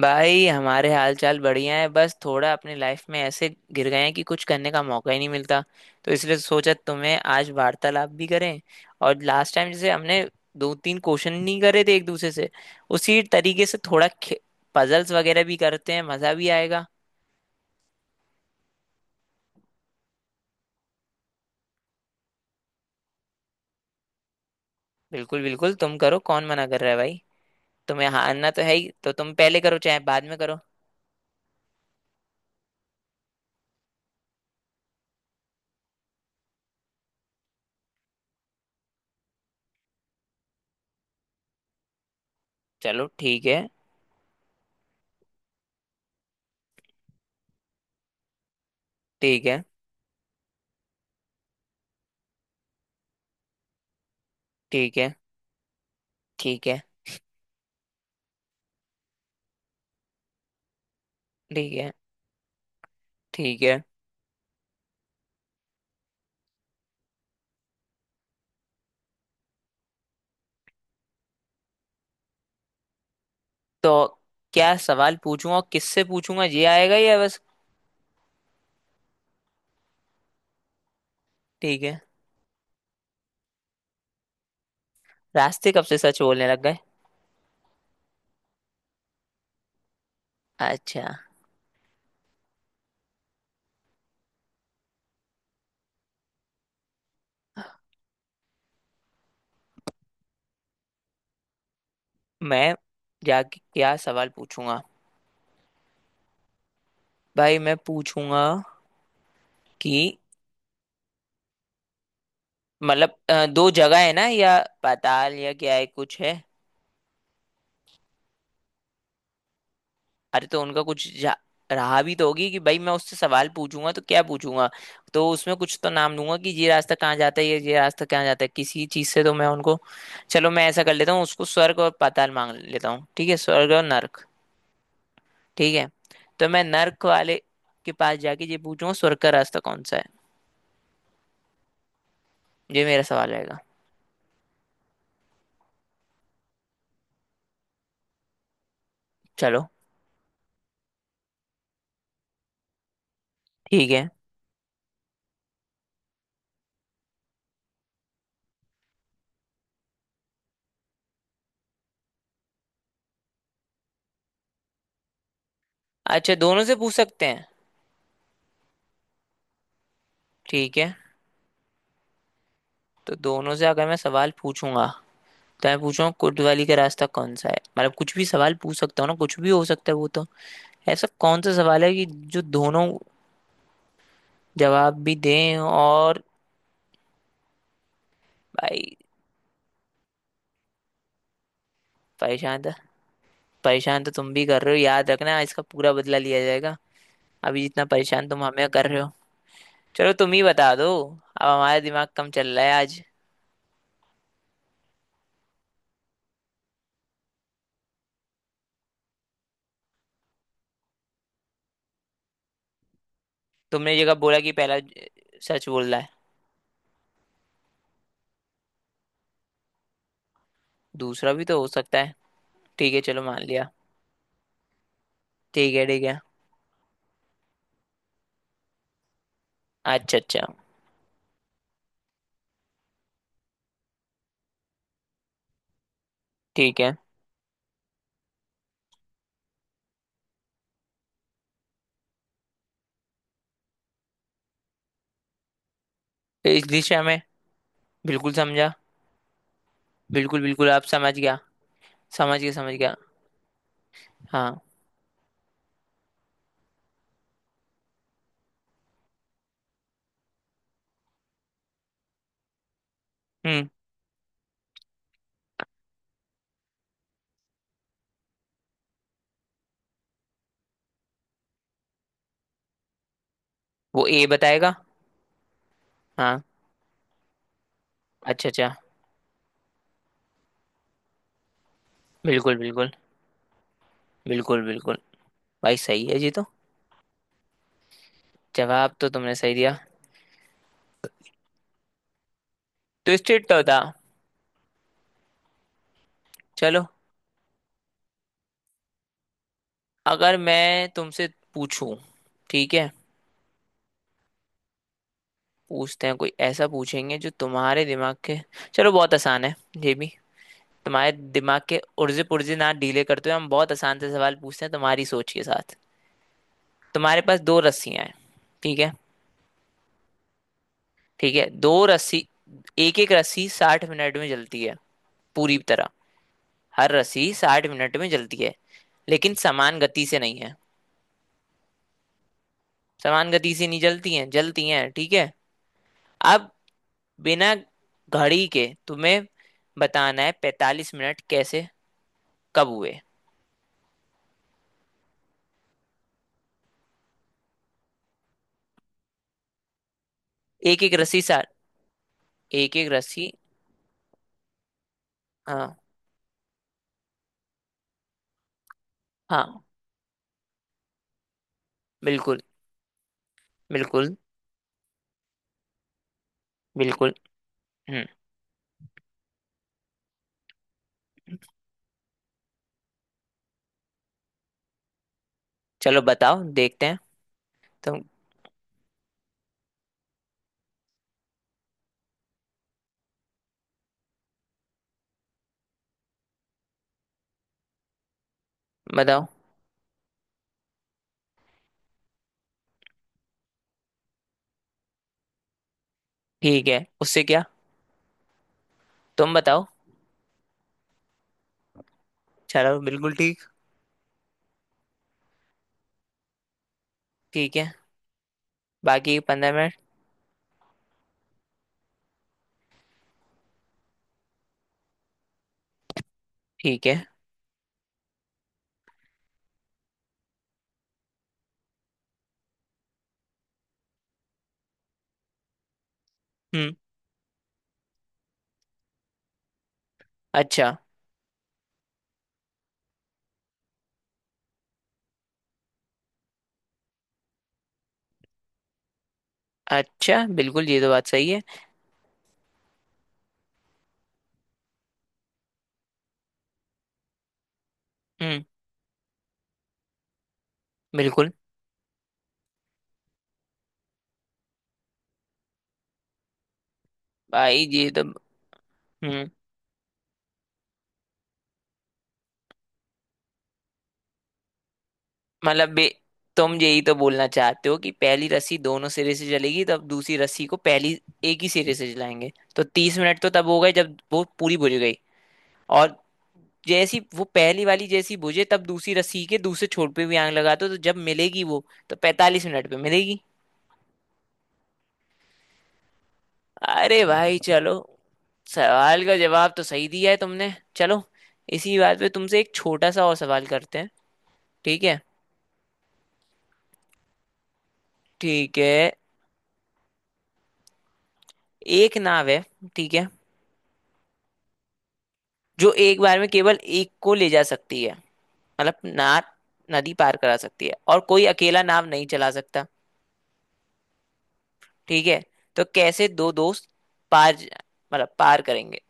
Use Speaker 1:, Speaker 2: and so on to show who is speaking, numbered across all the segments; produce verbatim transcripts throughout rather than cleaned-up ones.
Speaker 1: भाई हमारे हाल चाल बढ़िया है। बस थोड़ा अपनी लाइफ में ऐसे गिर गए हैं कि कुछ करने का मौका ही नहीं मिलता। तो इसलिए सोचा तुम्हें आज वार्तालाप भी करें। और लास्ट टाइम जैसे हमने दो तीन क्वेश्चन नहीं करे थे एक दूसरे से, उसी तरीके से थोड़ा पजल्स वगैरह भी करते हैं, मजा भी आएगा। बिल्कुल बिल्कुल, तुम करो, कौन मना कर रहा है भाई। तुम्हें हारना तो है ही, तो तुम पहले करो चाहे बाद में करो। चलो ठीक है। ठीक है। ठीक है। ठीक है। ठीक है। ठीक है। तो क्या सवाल पूछूंगा और किससे पूछूंगा ये आएगा या बस? ठीक है। रास्ते कब से सच बोलने लग गए? अच्छा। मैं जाके क्या सवाल पूछूंगा? भाई मैं पूछूंगा कि... मतलब अ, दो जगह है ना, या पाताल या क्या है, कुछ है? अरे तो उनका कुछ जा, रहा भी तो होगी कि भाई मैं उससे सवाल पूछूंगा तो क्या पूछूंगा। तो उसमें कुछ तो नाम लूंगा कि ये रास्ता कहाँ जाता है या ये रास्ता कहाँ जाता है, किसी चीज से तो मैं उनको... चलो मैं ऐसा कर लेता हूँ, उसको स्वर्ग और पाताल मांग लेता हूँ। ठीक है, स्वर्ग और नर्क। ठीक है। तो मैं नर्क वाले के पास जाके ये पूछूंगा, स्वर्ग का रास्ता कौन सा है। ये मेरा सवाल रहेगा। चलो ठीक है। अच्छा, दोनों से पूछ सकते हैं? ठीक है। तो दोनों से अगर मैं सवाल पूछूंगा तो मैं पूछूंगा कोतवाली का रास्ता कौन सा है। मतलब कुछ भी सवाल पूछ सकता हूँ ना, कुछ भी हो सकता है वो तो। ऐसा कौन सा सवाल है कि जो दोनों जवाब भी दें और... भाई... परेशान तो परेशान तो तुम भी कर रहे हो, याद रखना इसका पूरा बदला लिया जाएगा, अभी जितना परेशान तुम हमें कर रहे हो। चलो तुम ही बता दो, अब हमारा दिमाग कम चल रहा है आज। तुमने जगह बोला कि पहला ज- सच बोल रहा है, दूसरा भी तो हो सकता है। ठीक है चलो मान लिया। ठीक है। ठीक है। अच्छा अच्छा। ठीक है। तो इस दिशा में। बिल्कुल समझा। बिल्कुल बिल्कुल, आप समझ गया। समझ गया, समझ गया। हाँ। हम्म। वो ए बताएगा। हाँ। अच्छा अच्छा। बिल्कुल बिल्कुल। बिल्कुल बिल्कुल। भाई सही है जी। तो जवाब तो तुमने सही दिया। ट्विस्टेड तो था। चलो। अगर मैं तुमसे पूछूं... ठीक है। पूछते हैं, कोई ऐसा पूछेंगे जो तुम्हारे दिमाग के... चलो बहुत आसान है ये भी। तुम्हारे दिमाग के उर्जे पुर्जे ना ढीले करते हुए हम बहुत आसान से सवाल पूछते हैं तुम्हारी सोच के साथ। तुम्हारे पास दो रस्सियां हैं। ठीक है। ठीक है, दो रस्सी। एक एक रस्सी साठ मिनट में जलती है पूरी तरह। हर रस्सी साठ मिनट में जलती है, लेकिन समान गति से नहीं है। समान गति से नहीं जलती हैं, जलती हैं ठीक है। अब बिना घड़ी के तुम्हें बताना है पैंतालीस मिनट कैसे... कब हुए? एक एक रस्सी सार एक एक रस्सी... हाँ हाँ। बिल्कुल। बिल्कुल। बिल्कुल। हम्म। चलो बताओ देखते हैं। तुम बताओ। ठीक है उससे क्या? तुम बताओ। चलो बिल्कुल ठीक। ठीक है। बाकी पंद्रह मिनट। ठीक है। हम्म। अच्छा अच्छा, बिल्कुल ये तो बात सही है। हम्म। बिल्कुल। भाई ये तो... हम्म। मतलब बे तुम यही तो बोलना चाहते हो कि पहली रस्सी दोनों सिरे से चलेगी, तब दूसरी रस्सी को पहली एक ही सिरे से चलाएंगे, तो तीस मिनट तो तब हो गए जब वो पूरी बुझ गई। और जैसी वो पहली वाली जैसी बुझे, तब दूसरी रस्सी के दूसरे छोर पे भी आग लगा दो, तो जब मिलेगी वो तो पैंतालीस मिनट पे मिलेगी। अरे भाई चलो, सवाल का जवाब तो सही दिया है तुमने। चलो इसी बात पे तुमसे एक छोटा सा और सवाल करते हैं। ठीक है। ठीक है। एक नाव है। ठीक है, जो एक बार में केवल एक को ले जा सकती है। मतलब नाव नदी पार करा सकती है, और कोई अकेला नाव नहीं चला सकता। ठीक है। तो कैसे दो दोस्त पार ज- मतलब पार करेंगे?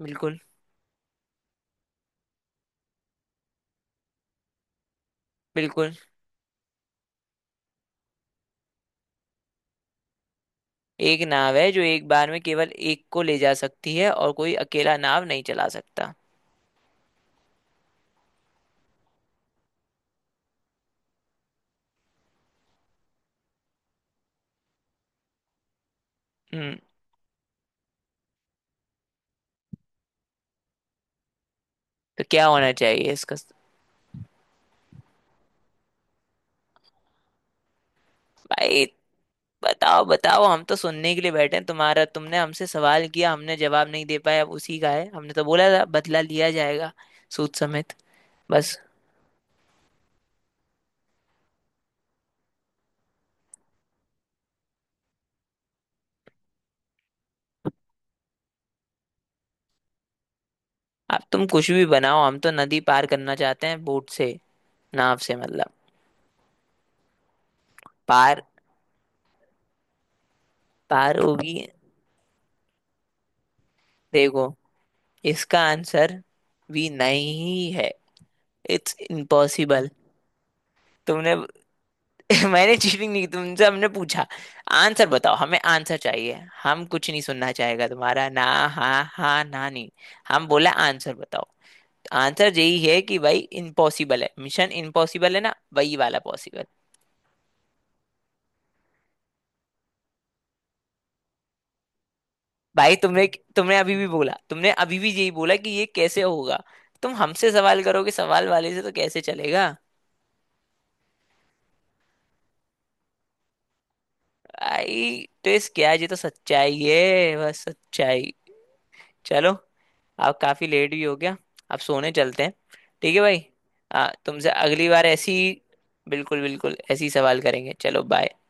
Speaker 1: बिल्कुल बिल्कुल। एक नाव है जो एक बार में केवल एक को ले जा सकती है, और कोई अकेला नाव नहीं चला सकता। हम्म। तो क्या होना चाहिए इसका? भाई बताओ बताओ। हम तो सुनने के लिए बैठे हैं तुम्हारा। तुमने हमसे सवाल किया, हमने जवाब नहीं दे पाया, अब उसी का है। हमने तो बोला था बदला लिया जाएगा, सूद समेत। बस। अब तुम कुछ भी बनाओ, हम तो नदी पार करना चाहते हैं बोट से, नाव से मतलब। पार पार होगी। देखो इसका आंसर भी नहीं है, इट्स इम्पॉसिबल। तुमने... मैंने चीटिंग नहीं की। तुमसे हमने पूछा, आंसर बताओ, हमें आंसर चाहिए। हम कुछ नहीं सुनना चाहेगा तुम्हारा, ना हाँ हाँ ना नहीं। हम बोला आंसर बताओ। आंसर यही है कि भाई इम्पॉसिबल है, मिशन इम्पॉसिबल है ना वही वाला, पॉसिबल। भाई तुमने तुमने अभी भी बोला, तुमने अभी भी यही बोला कि ये कैसे होगा। तुम हमसे सवाल करोगे, सवाल वाले से तो कैसे चलेगा? आई तो इस क्या है? ये तो सच्चाई है, बस सच्चाई। चलो आप काफी लेट भी हो गया, आप सोने चलते हैं। ठीक है भाई। आ, तुमसे अगली बार ऐसी... बिल्कुल बिल्कुल ऐसी सवाल करेंगे। चलो बाय।